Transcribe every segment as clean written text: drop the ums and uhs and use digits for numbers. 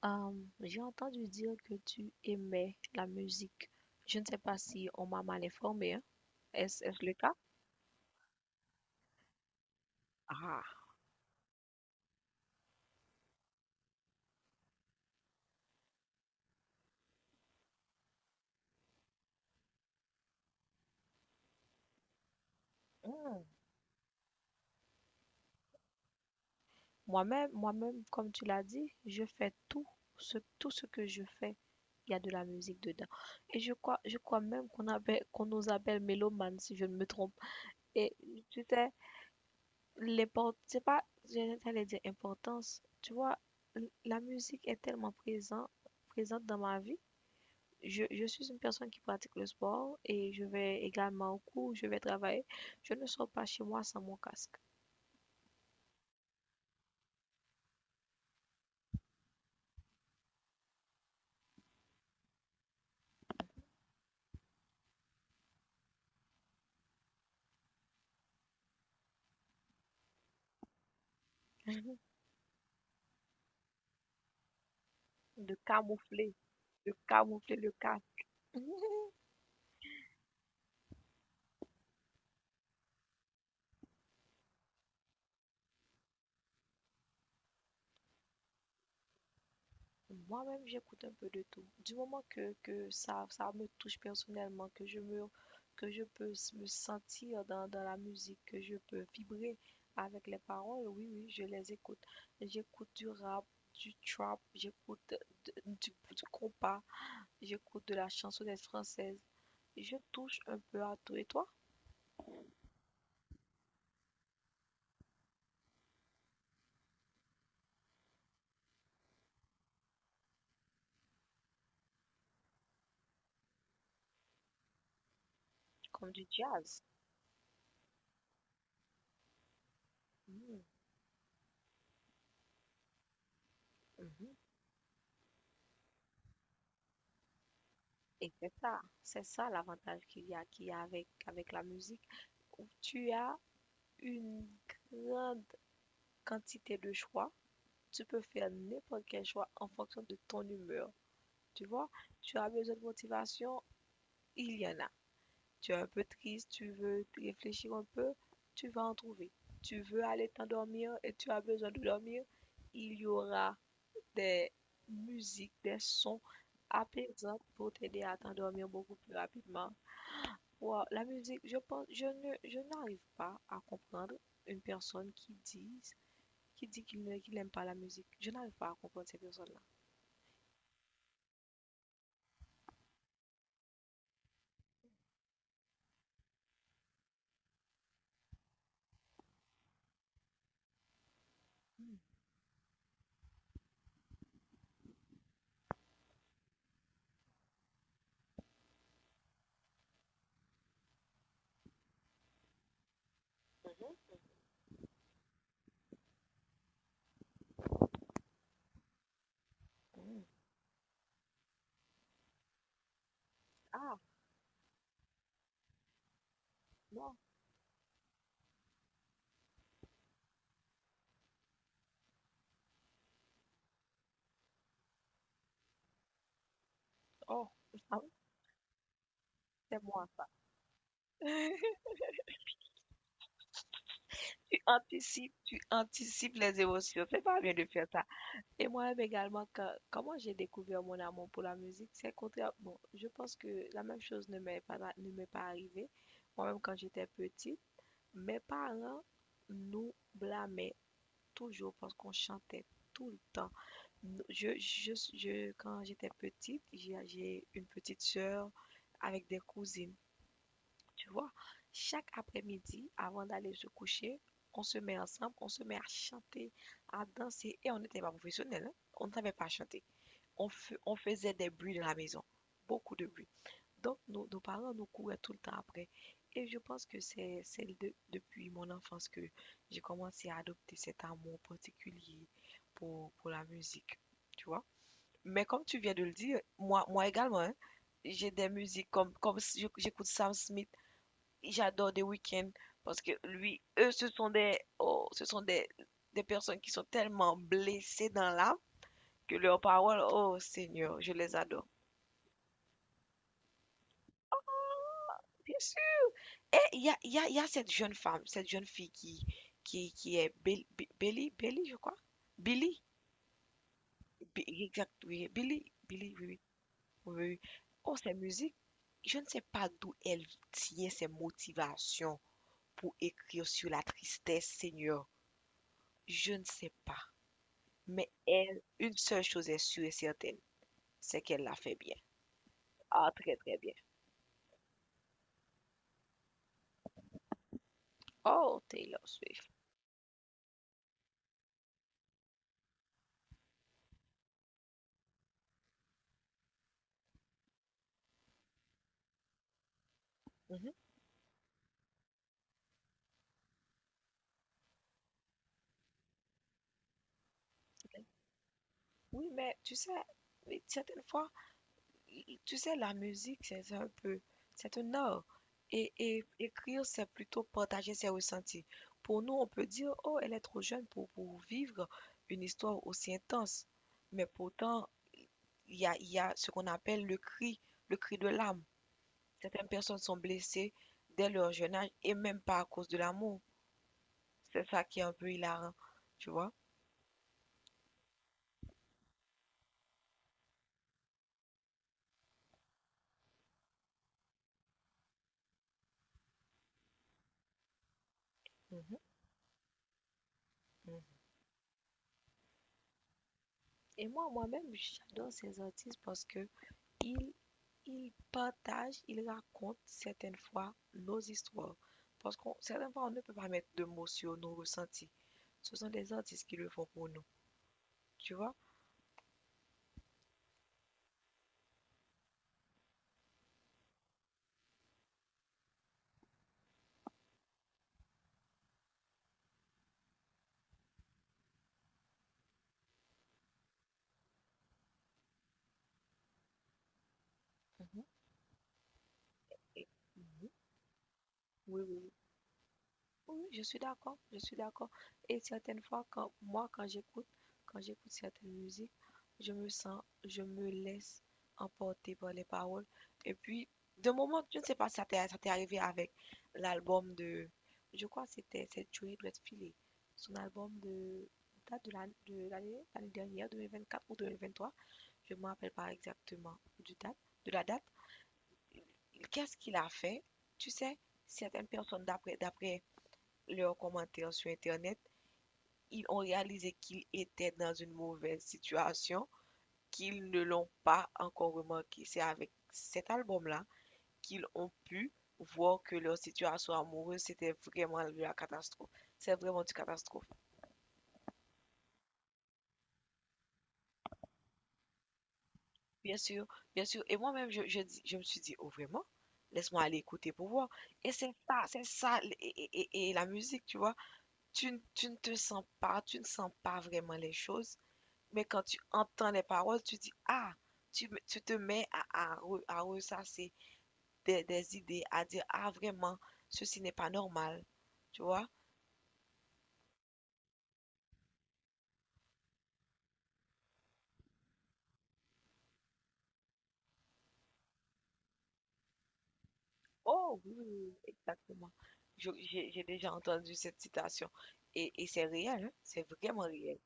J'ai entendu dire que tu aimais la musique. Je ne sais pas si on m'a mal informé, hein. Est-ce le cas? Ah, hum. Moi-même, moi-même, comme tu l'as dit, je fais tout ce que je fais. Il y a de la musique dedans. Et je crois même qu'on nous appelle mélomanes, si je ne me trompe. Et tu sais, c'est pas, j'allais dire importance. Tu vois, la musique est tellement présente dans ma vie. Je suis une personne qui pratique le sport et je vais également au cours, je vais travailler. Je ne sors pas chez moi sans mon casque. De camoufler, de camoufler le casque. Mhm. Moi-même, j'écoute un peu de tout. Du moment que ça me touche personnellement, que je peux me sentir dans la musique, que je peux vibrer avec les paroles, oui, oui, je les écoute. J'écoute du rap, du trap, j'écoute du compas, j'écoute de la chansonnette française. Je touche un peu à tout et toi, comme du jazz. Mm, mhm. Et c'est ça l'avantage qu'il y a avec la musique, où tu as une grande quantité de choix. Tu peux faire n'importe quel choix en fonction de ton humeur. Tu vois, tu as besoin de motivation, il y en a. Tu es un peu triste, tu veux réfléchir un peu, tu vas en trouver. Tu veux aller t'endormir et tu as besoin de dormir, il y aura des musiques, des sons apaisants pour t'aider à t'endormir beaucoup plus rapidement. Wow, la musique, je pense, je n'arrive pas à comprendre une personne qui dit, qu'il n'aime pas la musique. Je n'arrive pas à comprendre ces personnes-là. Hmm, mhm, hmm. Ah, non, oh, ah oui, c'est moi ça. Tu anticipes les émotions. C'est pas bien de faire ça. Et moi-même également, comment j'ai découvert mon amour pour la musique, c'est contraire. Bon, je pense que la même chose ne m'est pas arrivée. Moi-même, quand j'étais petite, mes parents nous blâmaient toujours parce qu'on chantait tout le temps. Quand j'étais petite, j'ai une petite sœur avec des cousines, tu vois. Chaque après-midi, avant d'aller se coucher, on se met ensemble, on se met à chanter, à danser, et on n'était pas professionnels, hein. On ne savait pas chanter. On faisait des bruits de la maison, beaucoup de bruit. Donc, nos parents nous couraient tout le temps après. Et je pense que c'est depuis mon enfance que j'ai commencé à adopter cet amour particulier pour la musique, tu vois. Mais comme tu viens de le dire, moi également, hein, j'ai des musiques comme si j'écoute Sam Smith, j'adore The Weeknd, parce que eux, oh, ce sont des personnes qui sont tellement blessées dans l'âme que leurs paroles, oh Seigneur, je les adore. Bien sûr. Et il y a cette jeune fille qui est Billy, Billy, je crois. Billy, exact, oui. Billy, Billy, oui, oui, oui, oui. Oh, ces musiques, je ne sais pas d'où elle tient ses motivations pour écrire sur la tristesse, Seigneur. Je ne sais pas. Mais une seule chose est sûre et certaine, c'est qu'elle l'a fait bien. Ah, très, très bien. Oh, Taylor Swift. Mhm. Ok. Oui, mais tu sais, mais certaines fois, tu sais, la musique, c'est un art. Et écrire, c'est plutôt partager ses ressentis. Pour nous, on peut dire, oh, elle est trop jeune pour, vivre une histoire aussi intense. Mais pourtant, il y a ce qu'on appelle le cri de l'âme. Certaines personnes sont blessées dès leur jeune âge et même pas à cause de l'amour. C'est ça qui est un peu hilarant, tu vois? Mhm, mhm. Et moi-même, j'adore ces artistes parce que ils ils partagent, ils racontent certaines fois nos histoires. Parce qu'on, certaines fois, on ne peut pas mettre de mots sur nos ressentis. Ce sont des artistes qui le font pour nous, tu vois? Mhm, mhm. Oui, oui, oui, oui, je suis d'accord, je suis d'accord. Et certaines fois, quand quand j'écoute certaines musiques, je me laisse emporter par les paroles. Et puis, de moment, je ne sais pas si ça t'est arrivé avec l'album de, je crois que c'est Joey Redfield, son album de date de l'année dernière, 2024 ou 2023, je ne me rappelle pas exactement de la date. Qu'est-ce qu'il a fait? Tu sais, certaines personnes, d'après leurs commentaires sur Internet, ils ont réalisé qu'ils étaient dans une mauvaise situation, qu'ils ne l'ont pas encore remarqué. C'est avec cet album-là qu'ils ont pu voir que leur situation amoureuse, c'était vraiment de la catastrophe. C'est vraiment une catastrophe. Bien sûr, bien sûr. Et moi-même, je me suis dit, oh vraiment? Laisse-moi aller écouter pour voir. Et c'est ça, et la musique, tu vois. Tu ne te sens pas, tu ne sens pas vraiment les choses. Mais quand tu entends les paroles, tu dis, ah, tu te mets à ressasser des idées, à dire, ah, vraiment, ceci n'est pas normal. Tu vois? Oh, oui, oui, oui, exactement. J'ai déjà entendu cette citation. Et c'est réel, hein, c'est vraiment réel.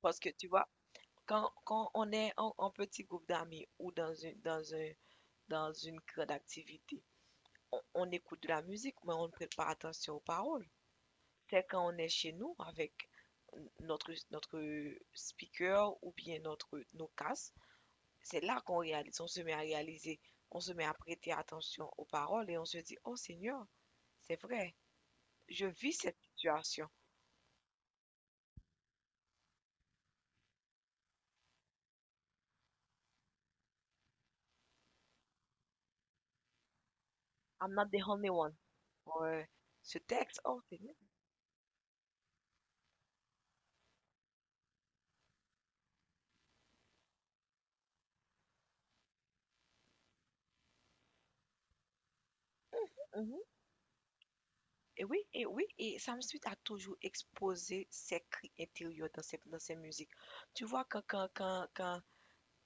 Parce que, tu vois, quand on est en petit groupe d'amis ou dans une grande activité, on écoute de la musique, mais on ne prête pas attention aux paroles. C'est quand on est chez nous avec notre speaker ou bien nos casques, c'est là qu'on réalise, on se met à réaliser, on se met à prêter attention aux paroles et on se dit, oh Seigneur, c'est vrai, je vis cette situation. I'm not the only one. Ouais, ce texte, oh Seigneur. Mhm. Et oui, et oui, et Sam Smith a toujours exposé ses cris intérieurs dans dans ses musiques. Tu vois,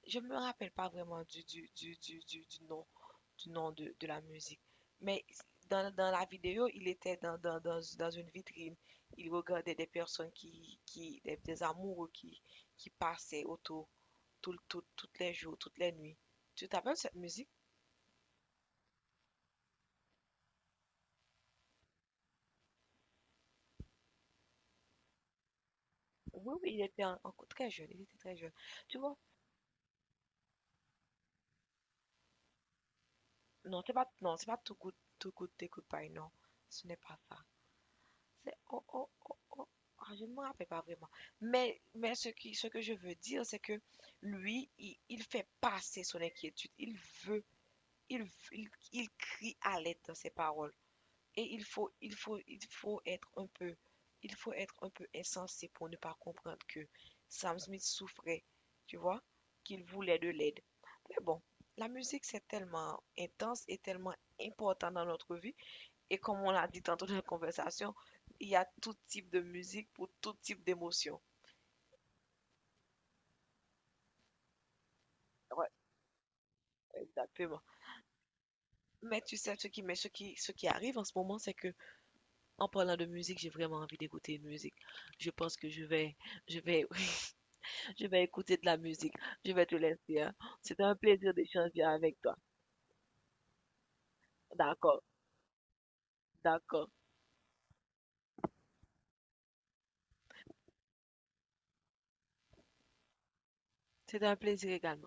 je ne me rappelle pas vraiment du nom de la musique. Mais dans la vidéo, il était dans une vitrine. Il regardait des personnes des amoureux qui passaient autour toutes les jours, toutes les nuits. Tu t'appelles cette musique? Oui, oui, il était encore très jeune, il était très jeune. Tu vois, non, c'est pas tout Good To Goodbye, non, ce n'est pas ça. Oh, oh, oh, oh. Ah, je ne me rappelle pas vraiment. Mais ce que je veux dire, c'est que lui, il fait passer son inquiétude. Il veut, il, il crie à l'aide dans ses paroles. Et il faut être un peu insensé pour ne pas comprendre que Sam Smith souffrait, tu vois, qu'il voulait de l'aide. Mais bon, la musique, c'est tellement intense et tellement important dans notre vie et comme on l'a dit tantôt dans la conversation, il y a tout type de musique pour tout type d'émotion. Ouais, exactement. Mais tu sais, mais ce qui arrive en ce moment, c'est que en parlant de musique, j'ai vraiment envie d'écouter une musique. Je pense que je vais, je vais écouter de la musique. Je vais te laisser, hein. C'était un plaisir d'échanger avec toi. D'accord, d'accord. C'était un plaisir également.